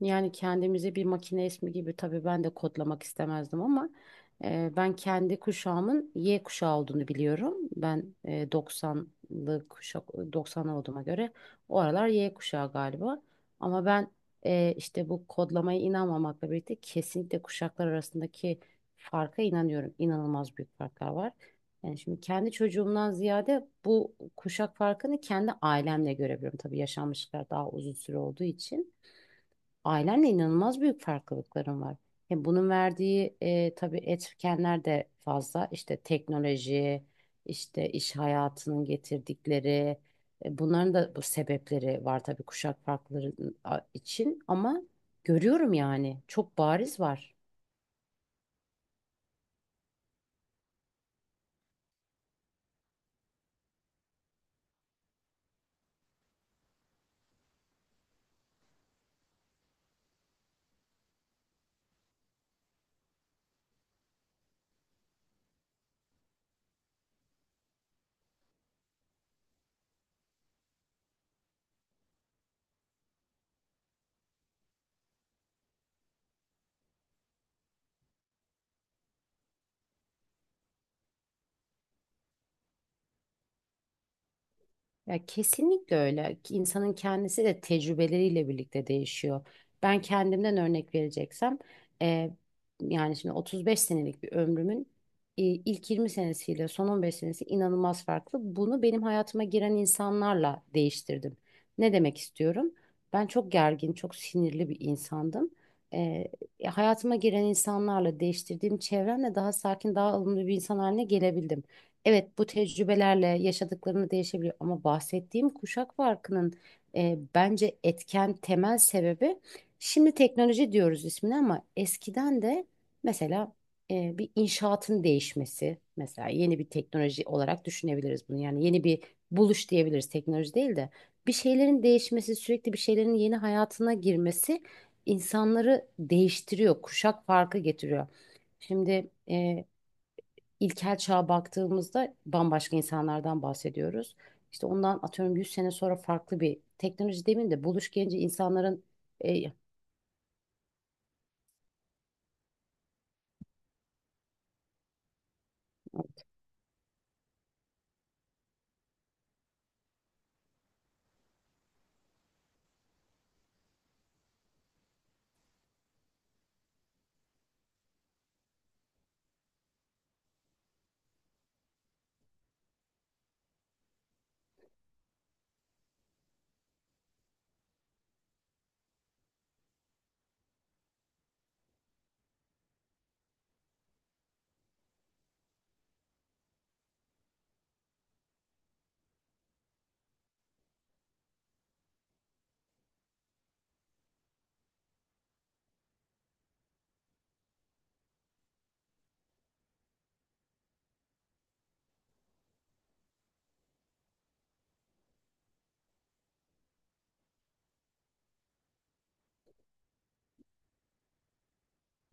Yani kendimizi bir makine ismi gibi tabii ben de kodlamak istemezdim ama ben kendi kuşağımın Y kuşağı olduğunu biliyorum. Ben 90'lı kuşak 90 olduğuma göre o aralar Y kuşağı galiba. Ama ben işte bu kodlamaya inanmamakla birlikte kesinlikle kuşaklar arasındaki farka inanıyorum. İnanılmaz büyük farklar var. Yani şimdi kendi çocuğumdan ziyade bu kuşak farkını kendi ailemle görebiliyorum. Tabii yaşanmışlıklar daha uzun süre olduğu için. Ailenle inanılmaz büyük farklılıklarım var. Hem bunun verdiği tabii etkenler de fazla. İşte teknoloji, işte iş hayatının getirdikleri, bunların da bu sebepleri var tabii kuşak farkları için. Ama görüyorum yani çok bariz var. Ya kesinlikle öyle. İnsanın kendisi de tecrübeleriyle birlikte değişiyor. Ben kendimden örnek vereceksem, e, yani şimdi 35 senelik bir ömrümün ilk 20 senesiyle son 15 senesi inanılmaz farklı. Bunu benim hayatıma giren insanlarla değiştirdim. Ne demek istiyorum? Ben çok gergin, çok sinirli bir insandım. E, hayatıma giren insanlarla değiştirdiğim çevremle daha sakin, daha ılımlı bir insan haline gelebildim. Evet, bu tecrübelerle yaşadıklarını değişebiliyor ama bahsettiğim kuşak farkının bence etken temel sebebi şimdi teknoloji diyoruz ismini ama eskiden de mesela bir inşaatın değişmesi mesela yeni bir teknoloji olarak düşünebiliriz bunu yani yeni bir buluş diyebiliriz teknoloji değil de bir şeylerin değişmesi, sürekli bir şeylerin yeni hayatına girmesi insanları değiştiriyor, kuşak farkı getiriyor. Şimdi İlkel çağa baktığımızda bambaşka insanlardan bahsediyoruz. İşte ondan atıyorum 100 sene sonra farklı bir teknoloji demeyeyim de buluş gelince insanların e,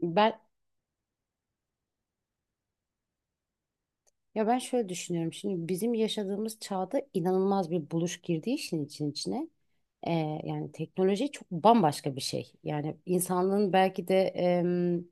ben Ya ben şöyle düşünüyorum. Şimdi bizim yaşadığımız çağda inanılmaz bir buluş girdiği işin için içine. Ee, yani teknoloji çok bambaşka bir şey. Yani insanlığın belki de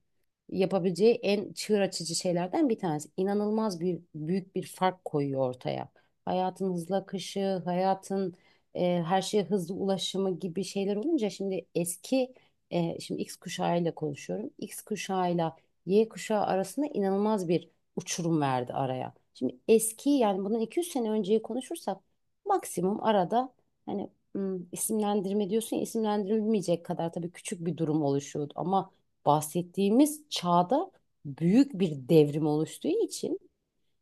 yapabileceği en çığır açıcı şeylerden bir tanesi. İnanılmaz bir büyük bir fark koyuyor ortaya. Hayatın hızla akışı, hayatın her şeye hızlı ulaşımı gibi şeyler olunca şimdi eski şimdi X kuşağıyla konuşuyorum. X kuşağıyla Y kuşağı arasında inanılmaz bir uçurum verdi araya. Şimdi eski yani bundan 200 sene önceyi konuşursak maksimum arada hani isimlendirme diyorsun ya, isimlendirilmeyecek kadar tabii küçük bir durum oluşuyordu. Ama bahsettiğimiz çağda büyük bir devrim oluştuğu için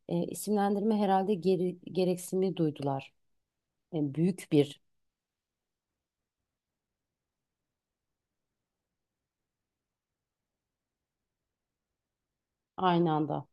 isimlendirme herhalde gereksinimi duydular. Yani büyük bir aynı anda.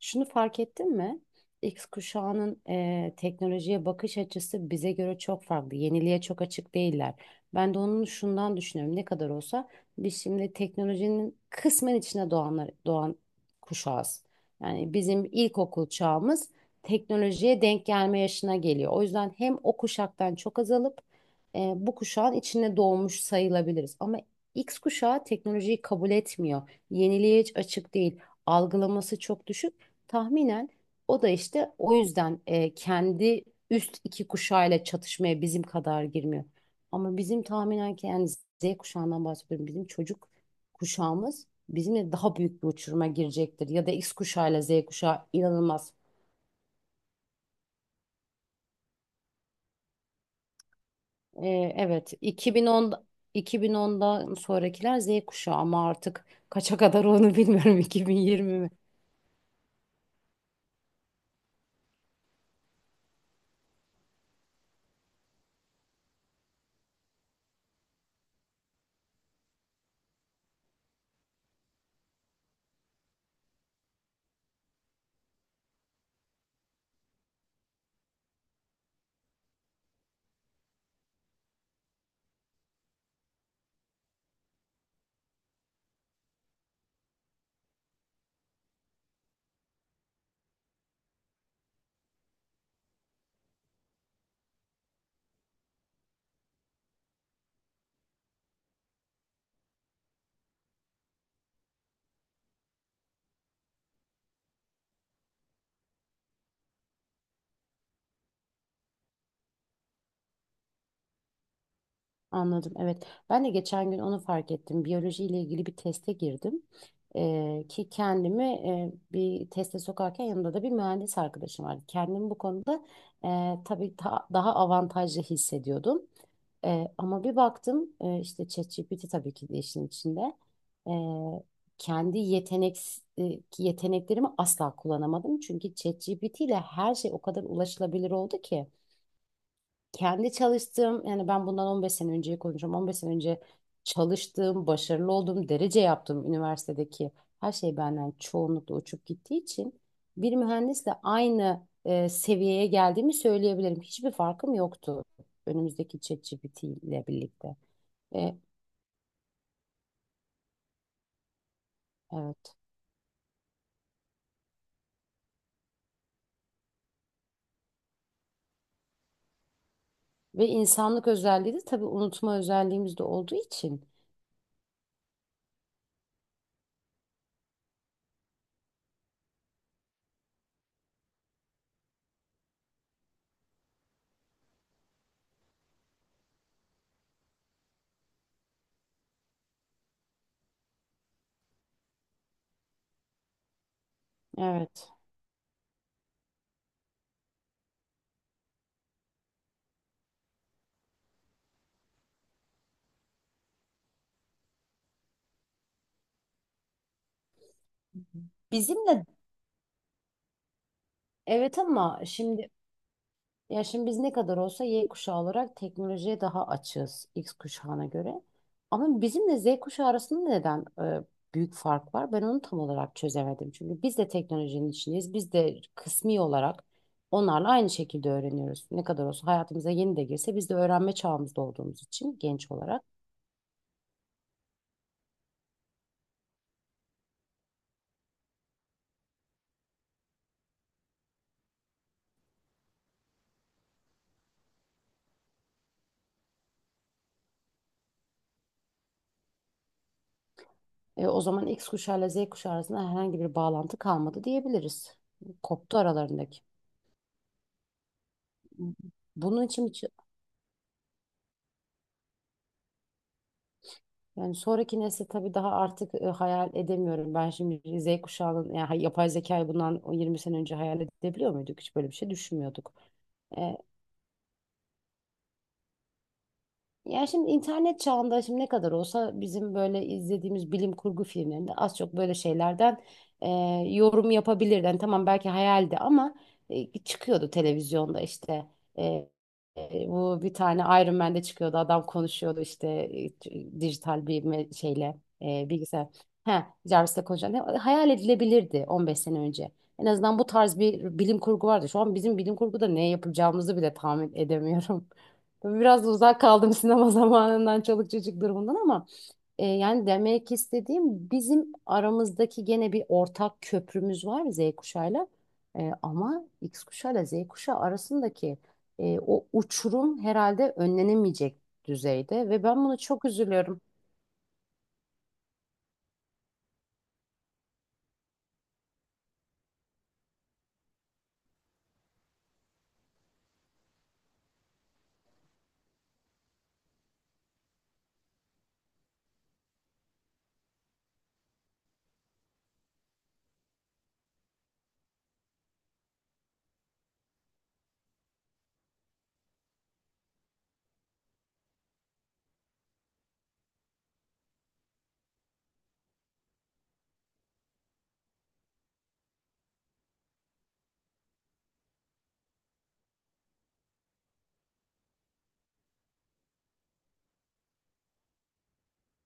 Şunu fark ettin mi? X kuşağının teknolojiye bakış açısı bize göre çok farklı. Yeniliğe çok açık değiller. Ben de onun şundan düşünüyorum. Ne kadar olsa biz şimdi teknolojinin kısmen içine doğanlar, doğan kuşağız. Yani bizim ilkokul çağımız teknolojiye denk gelme yaşına geliyor. O yüzden hem o kuşaktan çok azalıp bu kuşağın içine doğmuş sayılabiliriz. Ama X kuşağı teknolojiyi kabul etmiyor. Yeniliğe hiç açık değil. Algılaması çok düşük. Tahminen o da işte o yüzden kendi üst iki kuşağıyla çatışmaya bizim kadar girmiyor. Ama bizim tahminen ki yani Z kuşağından bahsediyorum. Bizim çocuk kuşağımız bizimle daha büyük bir uçuruma girecektir. Ya da X kuşağıyla Z kuşağı inanılmaz. E, evet, 2010 'dan sonrakiler Z kuşağı ama artık kaça kadar onu bilmiyorum. 2020 mi? Anladım. Evet. Ben de geçen gün onu fark ettim. Biyoloji ile ilgili bir teste girdim. Ki kendimi bir teste sokarken yanımda da bir mühendis arkadaşım vardı. Kendimi bu konuda daha avantajlı hissediyordum. Ama bir baktım işte ChatGPT tabii ki de işin içinde. E, kendi yetenek e, yeteneklerimi asla kullanamadım. Çünkü ChatGPT ile her şey o kadar ulaşılabilir oldu ki kendi çalıştığım yani ben bundan 15 sene önceyi konuşuyorum. 15 sene önce çalıştığım, başarılı olduğum, derece yaptığım üniversitedeki her şey benden çoğunlukla uçup gittiği için bir mühendisle aynı seviyeye geldiğimi söyleyebilirim. Hiçbir farkım yoktu önümüzdeki ChatGPT ile birlikte. E, evet. Ve insanlık özelliği de tabii unutma özelliğimiz de olduğu için. Evet. Bizimle evet ama şimdi ya şimdi biz ne kadar olsa Y kuşağı olarak teknolojiye daha açığız X kuşağına göre. Ama bizimle Z kuşağı arasında neden büyük fark var? Ben onu tam olarak çözemedim. Çünkü biz de teknolojinin içindeyiz. Biz de kısmi olarak onlarla aynı şekilde öğreniyoruz. Ne kadar olsa hayatımıza yeni de girse biz de öğrenme çağımızda olduğumuz için genç olarak. O zaman X kuşağı ile Z kuşağı arasında herhangi bir bağlantı kalmadı diyebiliriz. Koptu aralarındaki. Bunun için bir yani sonraki nesli tabii daha artık hayal edemiyorum. Ben şimdi Z kuşağının yani yapay zekayı bundan 20 sene önce hayal edebiliyor muyduk? Hiç böyle bir şey düşünmüyorduk. Ya şimdi internet çağında şimdi ne kadar olsa bizim böyle izlediğimiz bilim kurgu filmlerinde az çok böyle şeylerden e, yorum yapabilirdi. Yani tamam belki hayaldi ama çıkıyordu televizyonda işte. E, bu bir tane Iron Man'de çıkıyordu, adam konuşuyordu işte e, dijital bir me- şeyle e, bilgisayar. Ha, Jarvis'le konuşan hayal edilebilirdi 15 sene önce. En azından bu tarz bir bilim kurgu vardı. Şu an bizim bilim kurguda ne yapacağımızı bile tahmin edemiyorum. Tabii biraz da uzak kaldım sinema zamanından, çoluk çocuk durumundan ama yani demek istediğim bizim aramızdaki gene bir ortak köprümüz var Z kuşağıyla. Ama X kuşağıyla Z kuşağı arasındaki o uçurum herhalde önlenemeyecek düzeyde ve ben bunu çok üzülüyorum.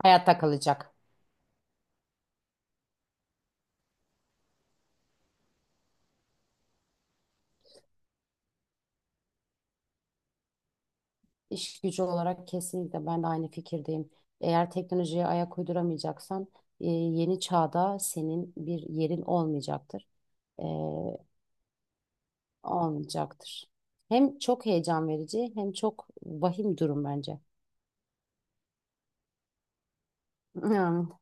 Hayatta kalacak. İş gücü olarak kesinlikle ben de aynı fikirdeyim. Eğer teknolojiye ayak uyduramayacaksan yeni çağda senin bir yerin olmayacaktır. E, Olmayacaktır. Hem çok heyecan verici hem çok vahim durum bence.